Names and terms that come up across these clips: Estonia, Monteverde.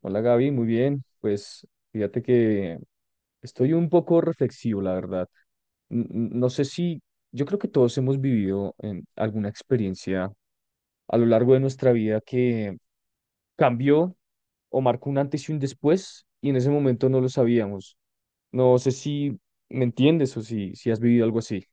Hola Gaby, muy bien. Pues fíjate que estoy un poco reflexivo, la verdad. No sé si, yo creo que todos hemos vivido en alguna experiencia a lo largo de nuestra vida que cambió o marcó un antes y un después, y en ese momento no lo sabíamos. No sé si me entiendes o si has vivido algo así.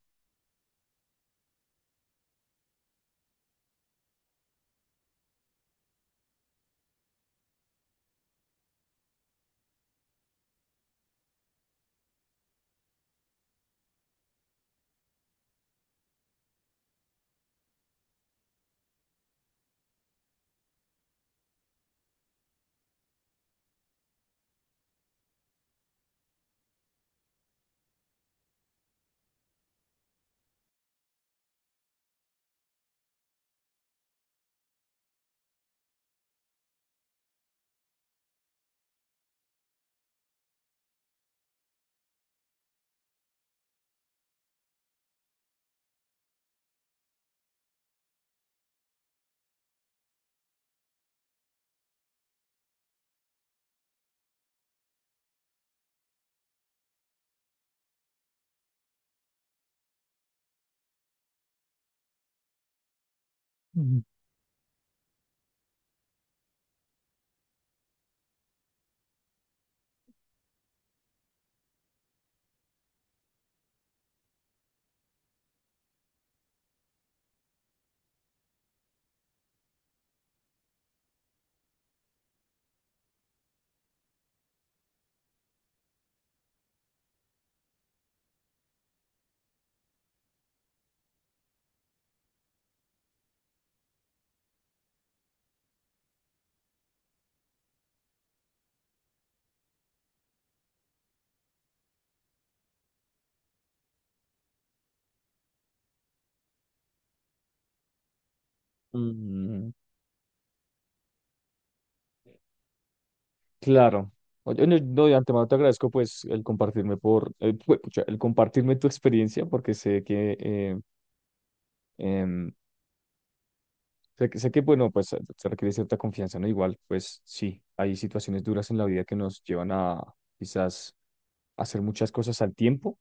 Ujú. Mm, claro. Oye, no, no, de antemano te agradezco pues el compartirme por pucha, el compartirme tu experiencia porque sé que em, sé, sé que, bueno, pues se requiere cierta confianza, ¿no? Igual, pues sí, hay situaciones duras en la vida que nos llevan a quizás hacer muchas cosas al tiempo.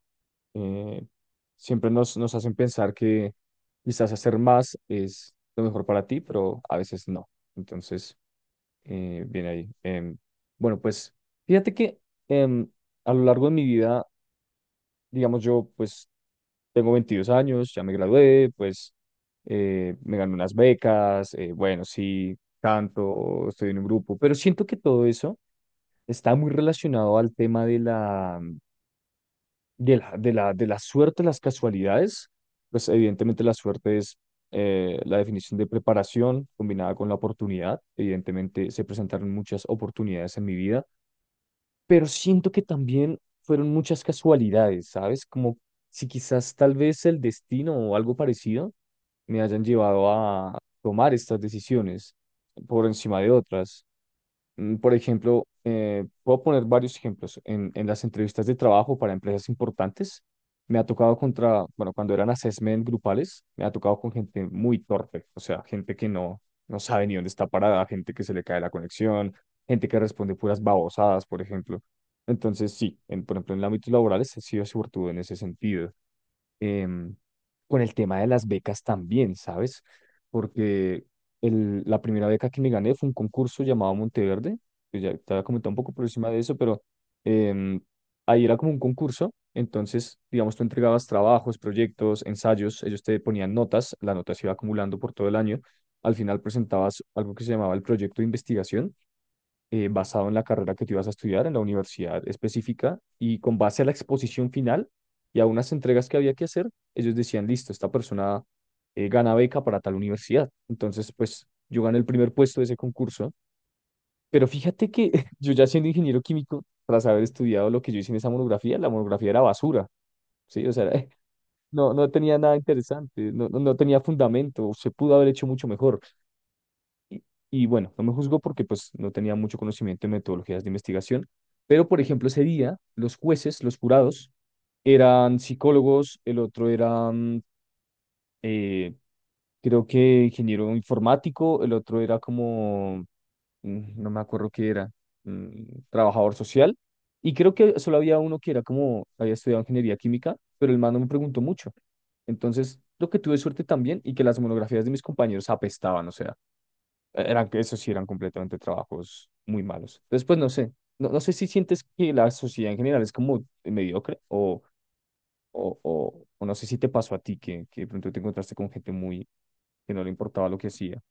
eh, Siempre nos hacen pensar que quizás hacer más es lo mejor para ti, pero a veces no. Entonces, viene ahí. Bueno, pues fíjate que em, a lo largo de mi vida, digamos, yo pues tengo 22 años, ya me gradué, pues me gané unas becas. Eh, bueno, sí, canto, estoy en un grupo, pero siento que todo eso está muy relacionado al tema de la suerte, las casualidades. Pues evidentemente la suerte es la definición de preparación combinada con la oportunidad. Evidentemente se presentaron muchas oportunidades en mi vida, pero siento que también fueron muchas casualidades, ¿sabes? Como si quizás tal vez el destino o algo parecido me hayan llevado a tomar estas decisiones por encima de otras. Por ejemplo, puedo poner varios ejemplos. En las entrevistas de trabajo para empresas importantes, me ha tocado contra, bueno, cuando eran assessment grupales, me ha tocado con gente muy torpe, o sea, gente que no sabe ni dónde está parada, gente que se le cae la conexión, gente que responde puras babosadas, por ejemplo. Entonces, sí, en, por ejemplo, en el ámbito laboral he sido suertudo en ese sentido. em, con el tema de las becas también, ¿sabes? Porque la primera beca que me gané fue un concurso llamado Monteverde, que ya te había comentado un poco por encima de eso, pero em, ahí era como un concurso, entonces, digamos, tú entregabas trabajos, proyectos, ensayos, ellos te ponían notas, la nota se iba acumulando por todo el año, al final presentabas algo que se llamaba el proyecto de investigación, basado en la carrera que tú ibas a estudiar en la universidad específica, y con base a la exposición final y a unas entregas que había que hacer, ellos decían, listo, esta persona gana beca para tal universidad. Entonces, pues yo gané el primer puesto de ese concurso, pero fíjate que yo ya siendo ingeniero químico, tras haber estudiado lo que yo hice en esa monografía, la monografía era basura, ¿sí? O sea, no, no tenía nada interesante, no tenía fundamento, se pudo haber hecho mucho mejor. Y, y bueno, no me juzgó porque pues no tenía mucho conocimiento en metodologías de investigación, pero por ejemplo ese día los jueces, los jurados, eran psicólogos, el otro era, eh, creo que ingeniero informático, el otro era como, no me acuerdo qué era, mm, trabajador social, y creo que solo había uno que era como, había estudiado ingeniería química, pero el man no me preguntó mucho. Entonces, lo que tuve suerte también y que las monografías de mis compañeros apestaban, o sea, eran, eso sí, eran completamente trabajos muy malos. Después, no sé, no, no sé si sientes que la sociedad en general es como mediocre o, o no sé si te pasó a ti que de pronto te encontraste con gente muy que no le importaba lo que hacía.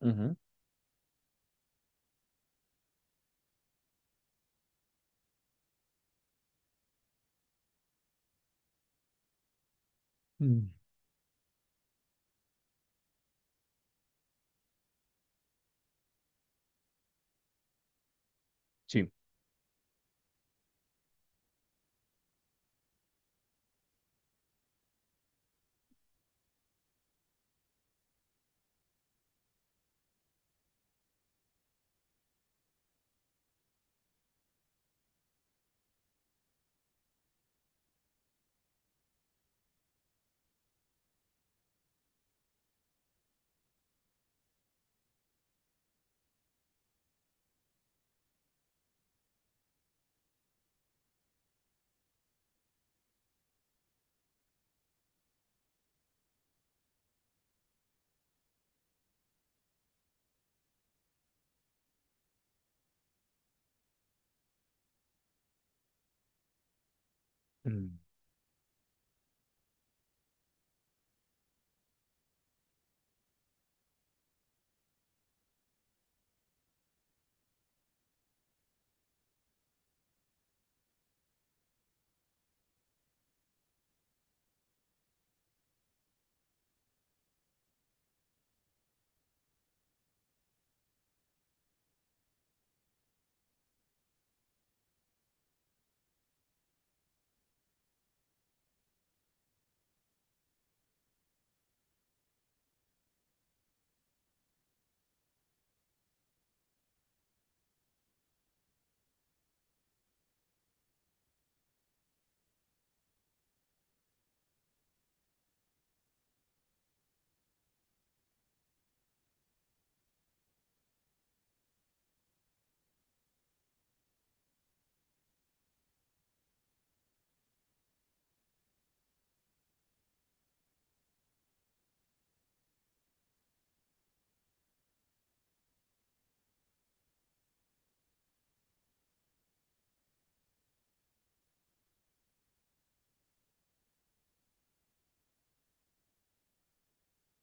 Ujú. Mm. Sí. Mm,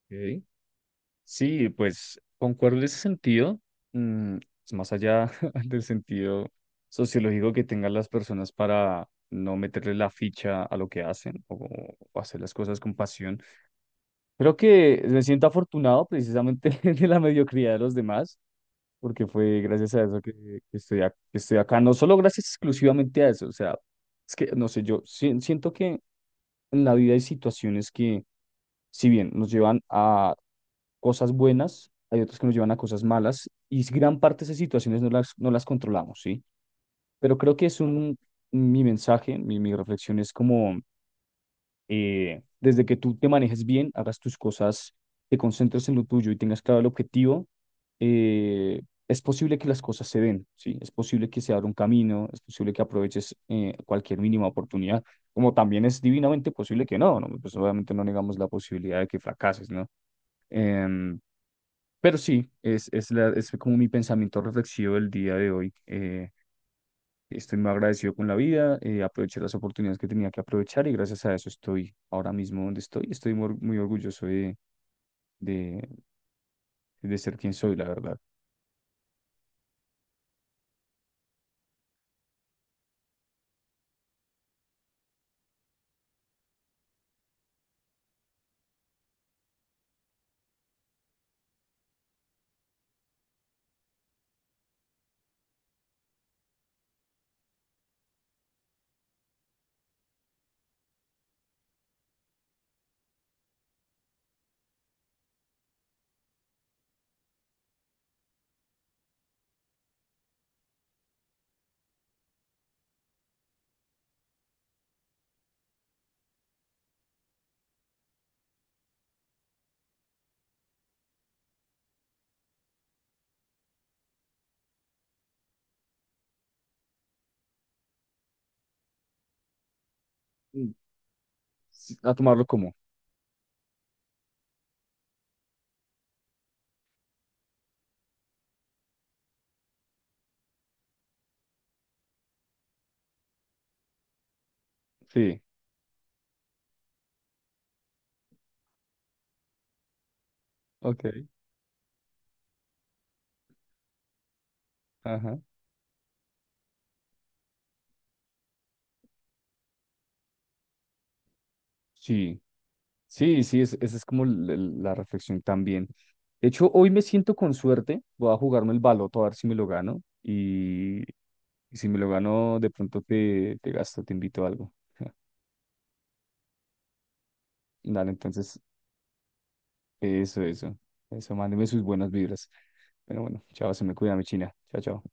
ok. Sí, pues concuerdo en ese sentido. Mm, es más allá del sentido sociológico que tengan las personas para no meterle la ficha a lo que hacen, o hacer las cosas con pasión. Creo que me siento afortunado precisamente de la mediocridad de los demás, porque fue gracias a eso que estoy, que estoy acá. No solo gracias exclusivamente a eso, o sea, es que, no sé, yo siento que en la vida hay situaciones que, si bien nos llevan a cosas buenas, hay otras que nos llevan a cosas malas, y gran parte de esas situaciones no no las controlamos, ¿sí? Pero creo que es un, mi mensaje, mi reflexión es como... desde que tú te manejes bien, hagas tus cosas, te concentres en lo tuyo y tengas claro el objetivo, eh, es posible que las cosas se den, ¿sí? Es posible que se abra un camino, es posible que aproveches cualquier mínima oportunidad, como también es divinamente posible que no, ¿no? Pues obviamente no negamos la posibilidad de que fracases, ¿no? Em, pero sí, es como mi pensamiento reflexivo del día de hoy. Estoy muy agradecido con la vida, aproveché las oportunidades que tenía que aprovechar y gracias a eso estoy ahora mismo donde estoy. Estoy muy orgulloso de, de ser quien soy, la verdad. Mm, sí, a tomarlo como. Sí, ok, ajá. Sí, sí, sí, esa es como la reflexión también. De hecho, hoy me siento con suerte, voy a jugarme el baloto a ver si me lo gano, y si me lo gano, de pronto te gasto, te invito a algo. Dale, entonces. Eso, eso. Eso, mándeme sus buenas vibras. Pero bueno, chao, se me cuida mi China. Chao, chao.